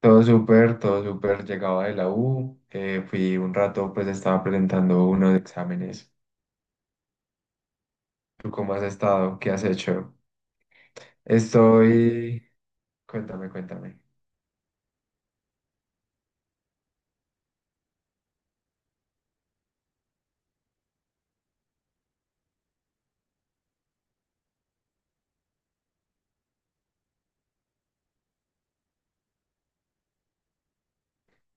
Todo súper, todo súper. Llegaba de la U, fui un rato, pues estaba presentando unos exámenes. ¿Tú cómo has estado? ¿Qué has hecho? Estoy. Cuéntame, cuéntame.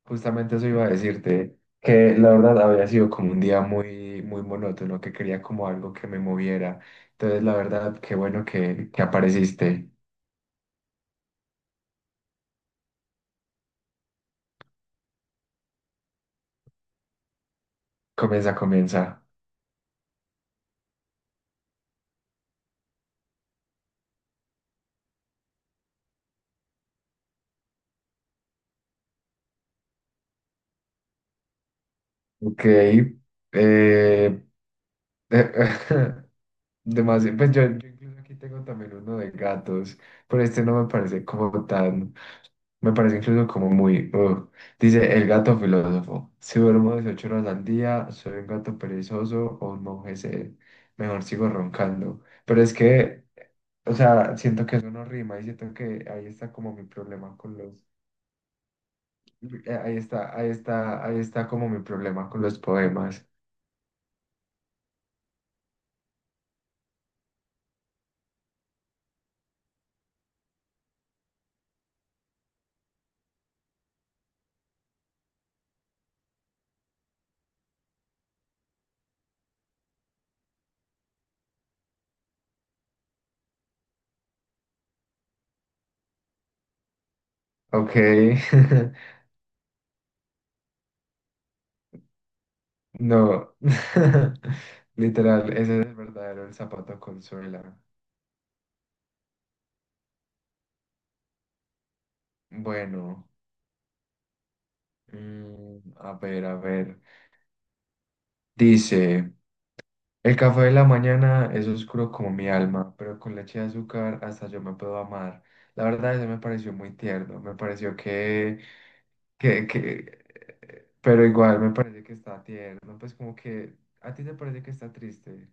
Justamente eso iba a decirte, que la verdad había sido como un día muy, muy monótono, que quería como algo que me moviera. Entonces, la verdad, qué bueno que apareciste. Comienza, comienza. Ok. eh, eh, Demasiado, pues yo incluso aquí tengo también uno de gatos, pero este no me parece como tan, me parece incluso como muy. Dice el gato filósofo, si duermo 18 horas al día, ¿soy un gato perezoso o un monje sed? Mejor sigo roncando, pero es que, o sea, siento que eso no rima y siento que ahí está como mi problema con los, ahí está, ahí está, ahí está como mi problema con los poemas. Ok. No, literal, ese es el verdadero el zapato con suela. Bueno, a ver, a ver. Dice, el café de la mañana es oscuro como mi alma, pero con leche de azúcar hasta yo me puedo amar. La verdad, eso me pareció muy tierno, me pareció que, pero igual me parece que está tierno, pues como que a ti te parece que está triste.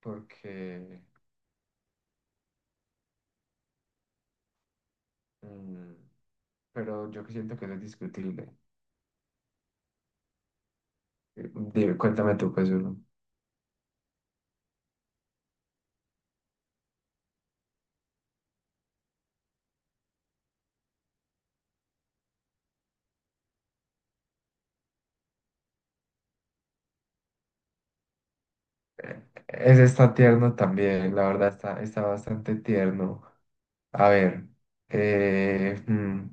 Porque, mm, pero yo que siento que eso es discutible. Dime, cuéntame tú, pues uno. Eh, Ese está tierno también, la verdad está, está bastante tierno. A ver, eh, mm,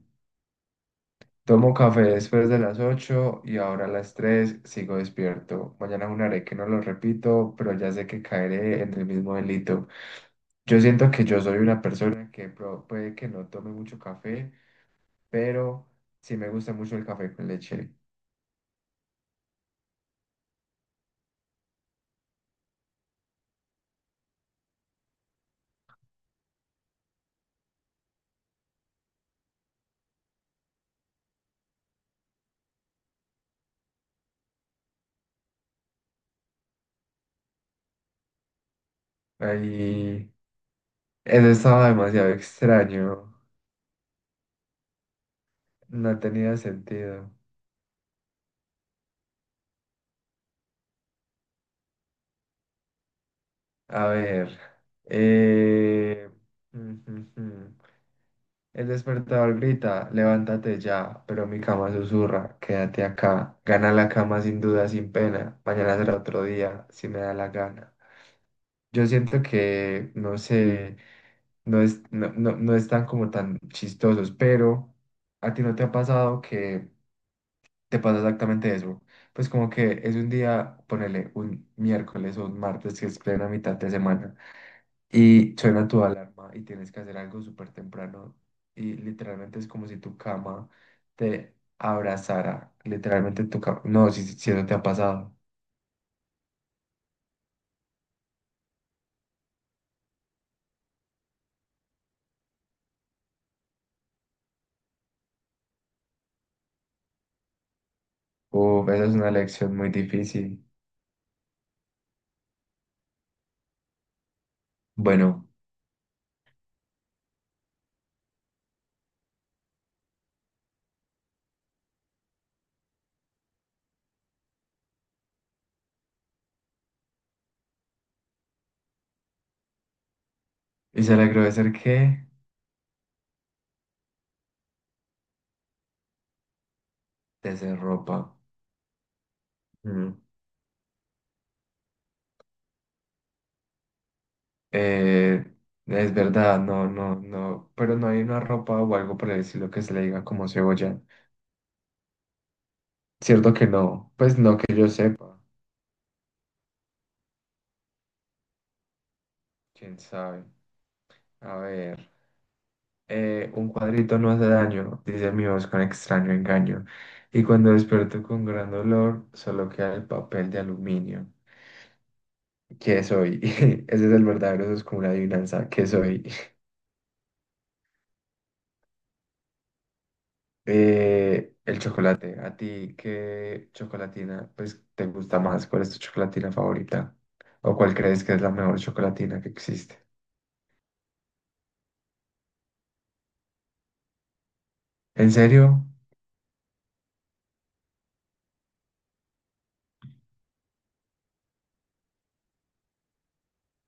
tomo café después de las 8 y ahora a las 3 sigo despierto. Mañana haré que no lo repito, pero ya sé que caeré en el mismo delito. Yo siento que yo soy una persona que puede que no tome mucho café, pero sí me gusta mucho el café con leche. Ahí, eso estaba demasiado extraño. No tenía sentido. A ver. eh, mm, mm, mm. El despertador grita, levántate ya, pero mi cama susurra, quédate acá. Gana la cama sin duda, sin pena. Mañana será otro día, si me da la gana. Yo siento que, no sé, no es, no, no, no están como tan chistosos, pero ¿a ti no te ha pasado que te pasa exactamente eso? Pues como que es un día, ponele un miércoles o un martes que es plena mitad de semana y suena tu alarma y tienes que hacer algo súper temprano y literalmente es como si tu cama te abrazara, literalmente tu cama. No, si eso te ha pasado, uf, esa es una lección muy difícil, bueno, y se alegró de ser que ropa. Mm. Eh, es verdad, no, no, no, pero no hay una ropa o algo por el estilo que se le diga como cebolla, cierto que no, pues no que yo sepa, quién sabe, a ver. Un cuadrito no hace daño, dice mi voz con extraño engaño. Y cuando desperto con gran dolor, solo queda el papel de aluminio. ¿Qué soy? Ese es el verdadero, eso es como una adivinanza. ¿Qué soy? El chocolate. ¿A ti qué chocolatina pues, te gusta más? ¿Cuál es tu chocolatina favorita? ¿O cuál crees que es la mejor chocolatina que existe? ¿En serio?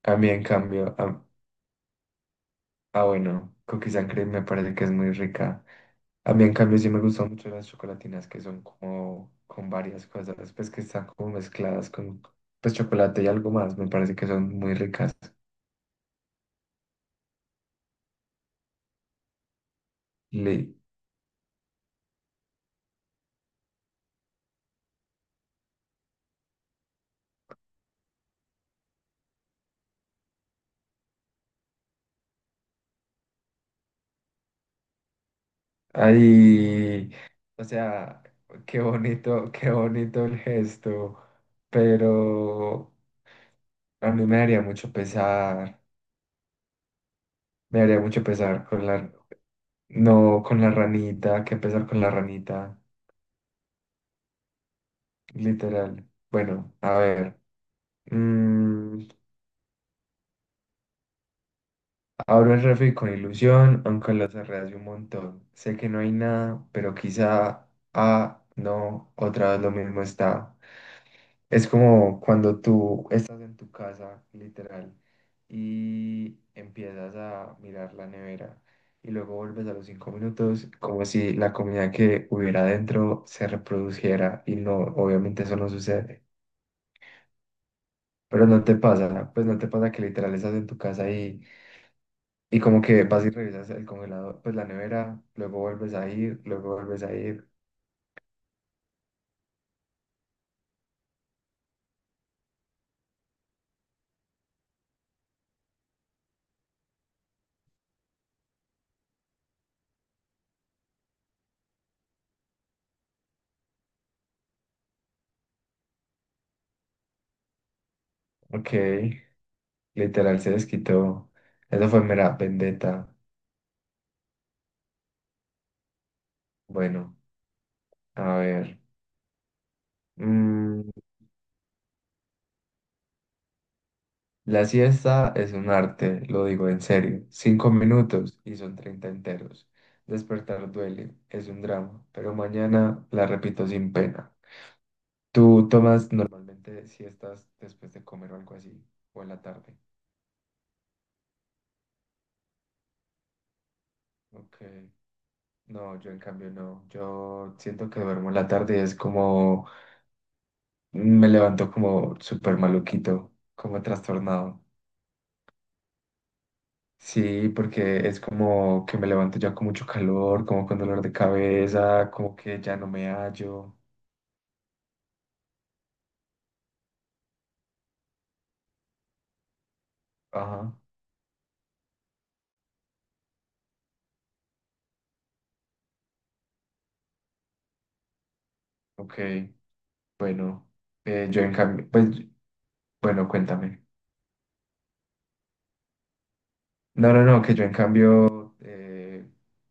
A mí, en cambio, ah, bueno, cookie sangre me parece que es muy rica. A mí, en cambio, sí me gustan mucho las chocolatinas que son como con varias cosas, pues que están como mezcladas con pues, chocolate y algo más. Me parece que son muy ricas. Le- Ay, o sea, qué bonito el gesto, pero a mí me daría mucho pesar, me daría mucho pesar con la, no, con la ranita, qué pesar con la ranita, literal. Bueno, a ver. Mm, abro el refri con ilusión, aunque lo cerré hace un montón. Sé que no hay nada, pero quizá, ah, no, otra vez lo mismo está. Es como cuando tú estás en tu casa, literal, y empiezas a mirar la nevera y luego vuelves a los 5 minutos como si la comida que hubiera dentro se reproduciera y no, obviamente eso no sucede. Pero ¿no te pasa, pues no te pasa que literal estás en tu casa y como que vas y revisas el congelador, pues la nevera, luego vuelves a ir, luego vuelves a ir? Ok, literal se desquitó. Eso fue mera vendetta. Bueno, a ver. mm, la siesta es un arte, lo digo en serio. Cinco minutos y son 30 enteros. Despertar duele, es un drama, pero mañana la repito sin pena. ¿Tú tomas normalmente siestas después de comer o algo así? ¿O en la tarde? Ok. No, yo en cambio no. Yo siento que duermo en la tarde y es como me levanto como súper maluquito, como trastornado. Sí, porque es como que me levanto ya con mucho calor, como con dolor de cabeza, como que ya no me hallo. Ajá, ok. Bueno, yo en cambio, pues, bueno, cuéntame. No, no, no, que yo en cambio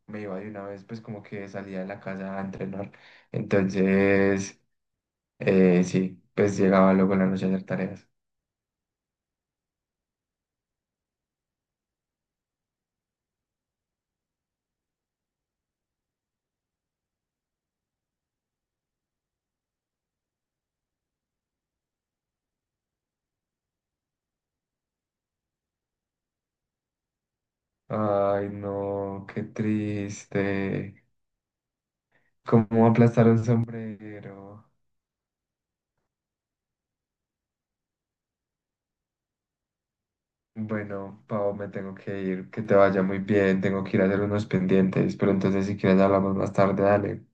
me iba de una vez, pues como que salía de la casa a entrenar. Entonces. Sí, pues llegaba luego en la noche a hacer tareas. Ay, no, qué triste. ¿Cómo aplastar un sombrero? Bueno, Pau, me tengo que ir. Que te vaya muy bien. Tengo que ir a hacer unos pendientes. Pero entonces, si quieres, hablamos más tarde. Dale.